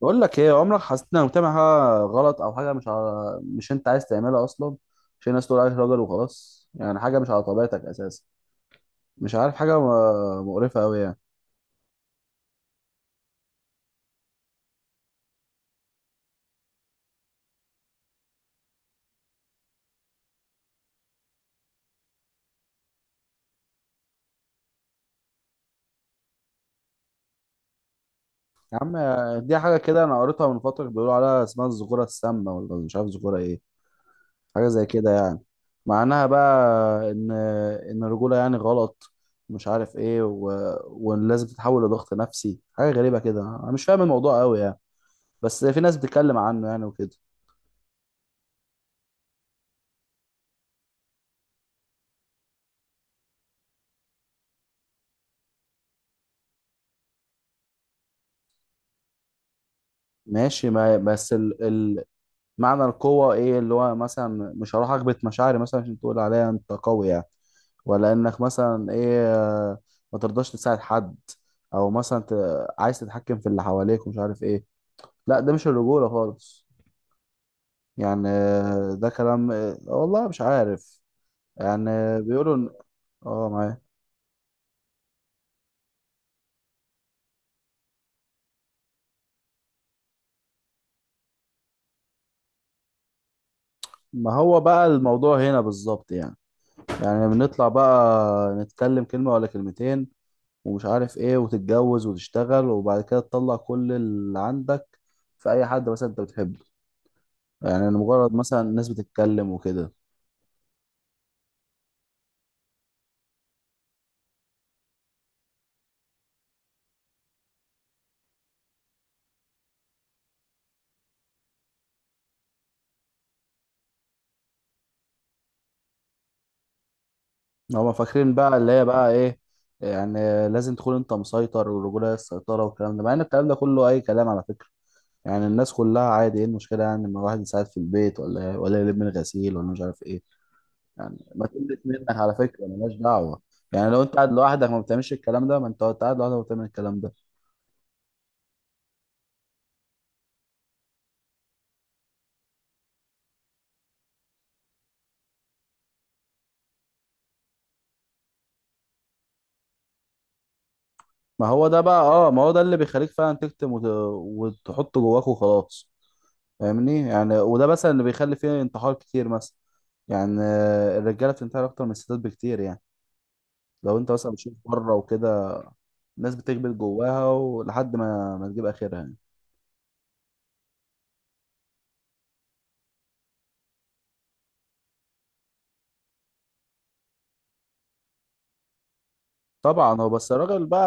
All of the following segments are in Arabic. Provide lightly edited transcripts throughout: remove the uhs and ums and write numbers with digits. بقول لك ايه، عمرك حسيت انك بتعمل حاجه غلط او حاجه مش انت عايز تعملها اصلا، عشان الناس تقول عليك راجل وخلاص؟ يعني حاجه مش على طبيعتك اساسا، مش عارف، حاجه مقرفه قوي يعني. يا عم، دي حاجه كده انا قريتها من فتره بيقولوا عليها اسمها الذكوره السامه، ولا مش عارف ذكوره ايه، حاجه زي كده يعني. معناها بقى ان الرجوله يعني غلط، مش عارف ايه ولازم تتحول لضغط نفسي، حاجه غريبه كده، انا مش فاهم الموضوع قوي يعني، بس في ناس بتتكلم عنه يعني وكده. ماشي، ما بس معنى القوة ايه؟ اللي هو مثلا مش هروح اكبت مشاعري مثلا عشان تقول عليا انت قوي يعني، ولا انك مثلا ايه ما ترضاش تساعد حد، او مثلا عايز تتحكم في اللي حواليك ومش عارف ايه. لا، ده مش الرجولة خالص. يعني ده كلام، والله مش عارف. يعني بيقولوا اه، معايا. ما هو بقى الموضوع هنا بالظبط يعني، يعني بنطلع بقى نتكلم كلمة ولا كلمتين ومش عارف ايه، وتتجوز وتشتغل وبعد كده تطلع كل اللي عندك في اي حد مثلا انت بتحبه، يعني أنا مجرد، مثلا الناس بتتكلم وكده. هما فاكرين بقى اللي هي بقى ايه يعني؟ لازم تكون انت مسيطر، والرجوله هي السيطره والكلام ده، مع ان الكلام ده كله اي كلام على فكره. يعني الناس كلها عادي، ايه المشكله يعني ان الواحد يساعد في البيت ولا إيه؟ ولا يلم الغسيل ولا مش عارف ايه، يعني ما تقلش منك على فكره، ملهاش دعوه. يعني لو انت قاعد لوحدك ما بتعملش الكلام ده، ما انت قاعد لوحدك ما بتعمل الكلام ده. ما هو ده بقى، اه ما هو ده اللي بيخليك فعلا تكتم وتحط جواك وخلاص، فاهمني يعني. وده مثلا اللي بيخلي فيه انتحار كتير مثلا، يعني الرجاله بتنتحر اكتر من الستات بكتير يعني. لو انت مثلا بتشوف بره وكده، الناس بتكبر جواها ولحد ما تجيب اخرها يعني. طبعا، هو بس الراجل بقى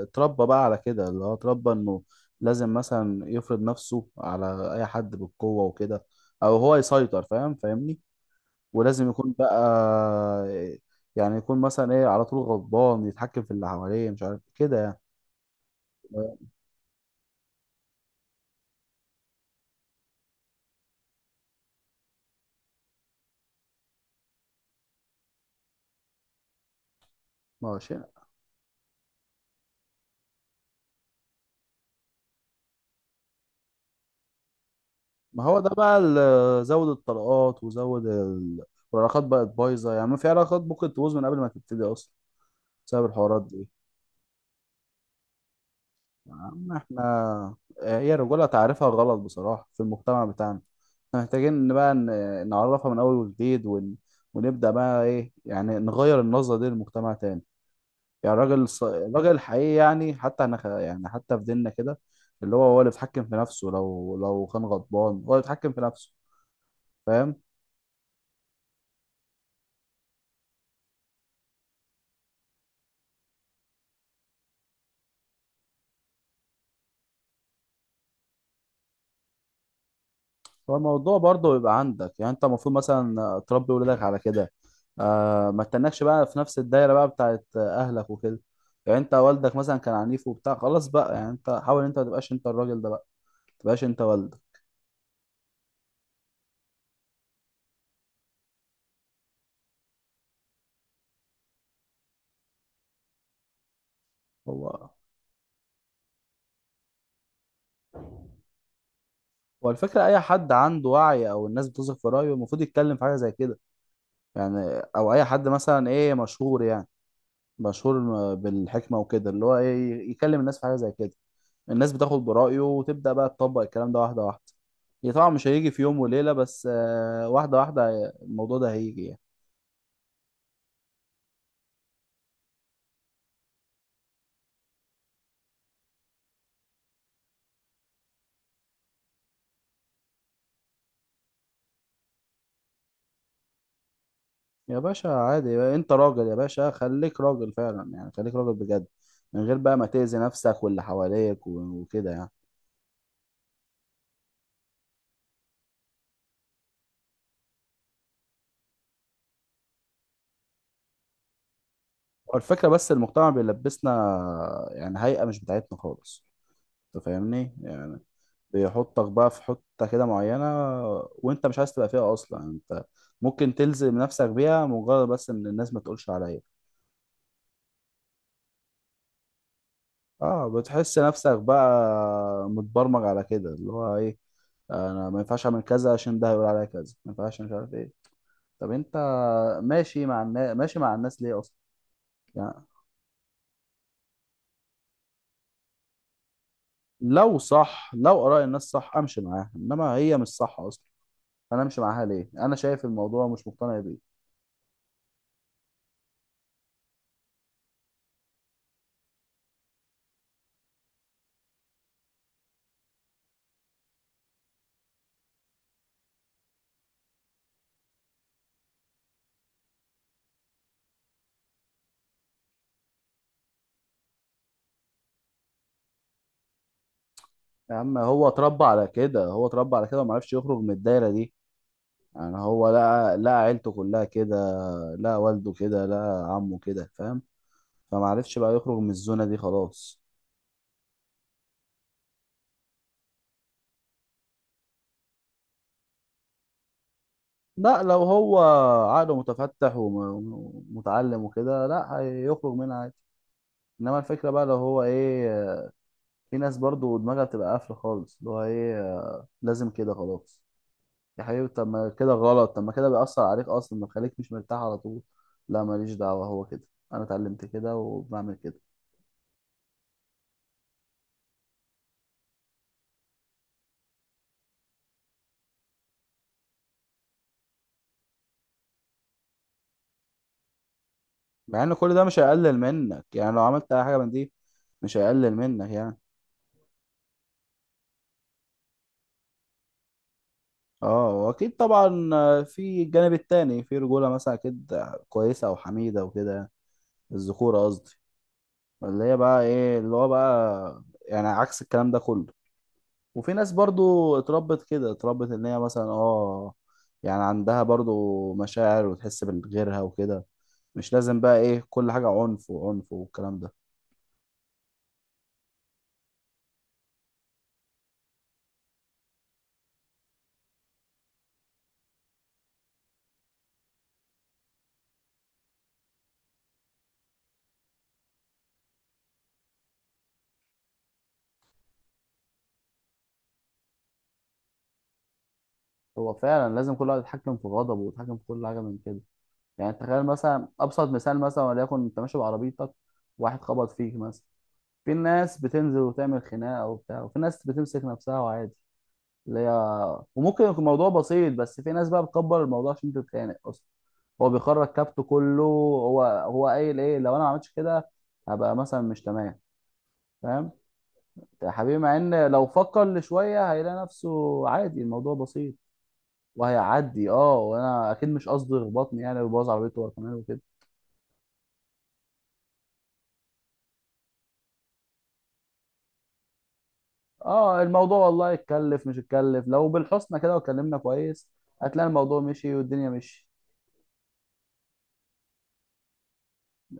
اتربى بقى على كده، اللي هو اتربى انه لازم مثلا يفرض نفسه على اي حد بالقوه وكده، او هو يسيطر، فاهم فاهمني، ولازم يكون بقى، يعني يكون مثلا ايه على طول غضبان يتحكم في اللي حواليه مش عارف كده يعني. ما هو شيء، ما هو ده بقى زود الطلقات وزود والعلاقات بقت بايظه، يعني ما في علاقات ممكن تبوظ من قبل ما تبتدي اصلا بسبب الحوارات دي. يا عم احنا، هي الرجوله تعريفها غلط بصراحه في المجتمع بتاعنا، احنا محتاجين ان بقى نعرفها من اول وجديد ونبدا بقى ايه يعني، نغير النظره دي للمجتمع تاني. يعني الراجل الحقيقي يعني، حتى يعني حتى في ديننا كده، اللي هو هو اللي بيتحكم في نفسه، لو كان غضبان هو اللي بيتحكم في نفسه، فاهم. فالموضوع برضه بيبقى عندك، يعني انت المفروض مثلا تربي ولادك على كده، ما تتنكش بقى في نفس الدايره بقى بتاعت اهلك وكده. يعني انت والدك مثلا كان عنيف وبتاع، خلاص بقى يعني، انت حاول انت ما تبقاش انت الراجل ده بقى، ما تبقاش انت والدك. هو هو الفكره، اي حد عنده وعي او الناس بتثق في رايه المفروض يتكلم في حاجه زي كده يعني، او اي حد مثلا ايه مشهور يعني، مشهور بالحكمة وكده، اللي هو ايه، يكلم الناس في حاجة زي كده، الناس بتاخد برأيه وتبدأ بقى تطبق الكلام ده واحدة واحدة. هي طبعا مش هيجي في يوم وليلة، بس واحدة واحدة الموضوع ده هيجي يعني. يا باشا عادي، انت راجل يا باشا، خليك راجل فعلا يعني، خليك راجل بجد من غير بقى ما تأذي نفسك واللي حواليك و- وكده يعني. هو الفكرة بس، المجتمع بيلبسنا يعني هيئة مش بتاعتنا خالص، انت فاهمني يعني، بيحطك بقى في حتة كده معينة وانت مش عايز تبقى فيها اصلا، يعني انت ممكن تلزم نفسك بيها مجرد بس ان الناس ما تقولش عليا. اه، بتحس نفسك بقى متبرمج على كده، اللي هو ايه، انا ما ينفعش اعمل كذا عشان ده هيقول عليا كذا، ما ينفعش، مش عارف ايه. طب انت ماشي مع الناس، ماشي مع الناس ليه اصلا يعني؟ لو صح، لو اراء الناس صح امشي معاها، انما هي مش صح اصلا، انا امشي معاها ليه، انا شايف الموضوع مش مقتنع بيه. يا عم هو اتربى على كده، هو اتربى على كده وما عرفش يخرج من الدايرة دي، يعني هو لقى لقى عيلته كلها كده، لقى والده كده، لقى عمه كده، فاهم، فما عرفش بقى يخرج من الزونة دي خلاص. لا، لو هو عقله متفتح ومتعلم وكده لا هيخرج منها عادي، انما الفكرة بقى لو هو ايه، في ناس برضو دماغها بتبقى قافلة خالص، اللي هو ايه، لازم كده خلاص. يا حبيبي، طب ما كده غلط، طب ما كده بيأثر عليك أصلا، ما بيخليك مش مرتاح على طول. لا ماليش دعوة، هو كده، أنا اتعلمت كده وبعمل كده. مع إن كل ده مش هيقلل منك يعني، لو عملت أي حاجة من دي مش هيقلل منك يعني. اه واكيد طبعا، في الجانب التاني في رجولة مثلا اكيد كويسة او حميدة وكده، الذكورة قصدي، اللي هي بقى ايه اللي هو بقى، يعني عكس الكلام ده كله. وفي ناس برضو اتربت كده، اتربت ان هي مثلا اه، يعني عندها برضو مشاعر وتحس بغيرها وكده، مش لازم بقى ايه كل حاجة عنف وعنف والكلام ده. هو فعلا لازم كل واحد يتحكم في غضبه ويتحكم في كل حاجة من كده. يعني تخيل مثلا ابسط مثال، مثلا وليكن انت ماشي بعربيتك، واحد خبط فيك مثلا، في ناس بتنزل وتعمل خناقة وبتاع، وفي ناس بتمسك نفسها وعادي، اللي هي، وممكن يكون الموضوع بسيط، بس في ناس بقى بتكبر الموضوع عشان تتخانق اصلا، هو بيخرج كابته كله، هو قايل ايه لو انا ما عملتش كده هبقى مثلا مش تمام، فاهم. يا حبيبي، مع ان لو فكر لشويه هيلاقي نفسه عادي، الموضوع بسيط وهيعدي، اه وانا اكيد مش قصدي يخبطني يعني ويبوظ عربيته هو كمان وكده. اه الموضوع والله يتكلف، مش يتكلف لو بالحسنى كده واتكلمنا كويس هتلاقي الموضوع مشي والدنيا مشي.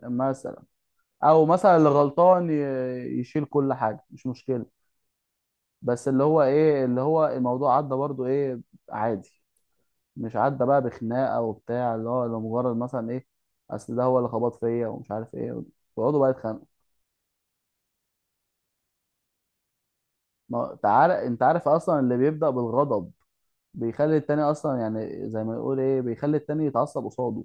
مثلا، او مثلا اللي غلطان يشيل كل حاجه مش مشكله، بس اللي هو ايه، اللي هو الموضوع عدى برضو ايه، عادي. مش عدى بقى بخناقه وبتاع، اللي هو لمجرد مثلا ايه، اصل ده هو اللي خبط فيا ومش عارف ايه، ويقعدوا بقى يتخانقوا. ما تعال، انت عارف اصلا اللي بيبدا بالغضب بيخلي التاني اصلا، يعني زي ما يقول ايه، بيخلي التاني يتعصب قصاده،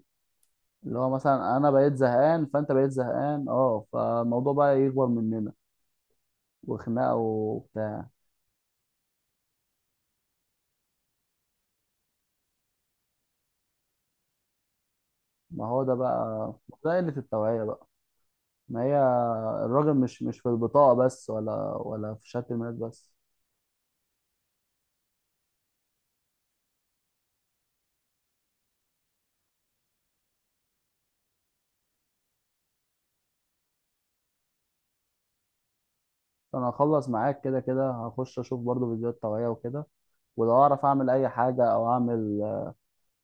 اللي هو مثلا انا بقيت زهقان فانت بقيت زهقان اه، فالموضوع بقى يكبر مننا وخناقه وبتاع. ما هو ده بقى، ده قله التوعيه بقى، ما هي الراجل مش في البطاقه بس، ولا في شكل الناس بس. انا هخلص معاك كده كده، هخش اشوف برضو فيديوهات طبيعية وكده، ولو اعرف اعمل اي حاجة او اعمل،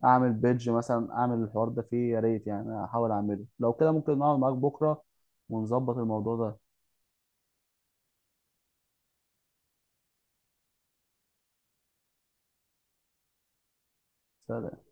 اعمل بيدج مثلا اعمل الحوار ده فيه يا ريت يعني، احاول اعمله، لو كده ممكن نقعد معاك بكرة ونظبط الموضوع ده. سلام.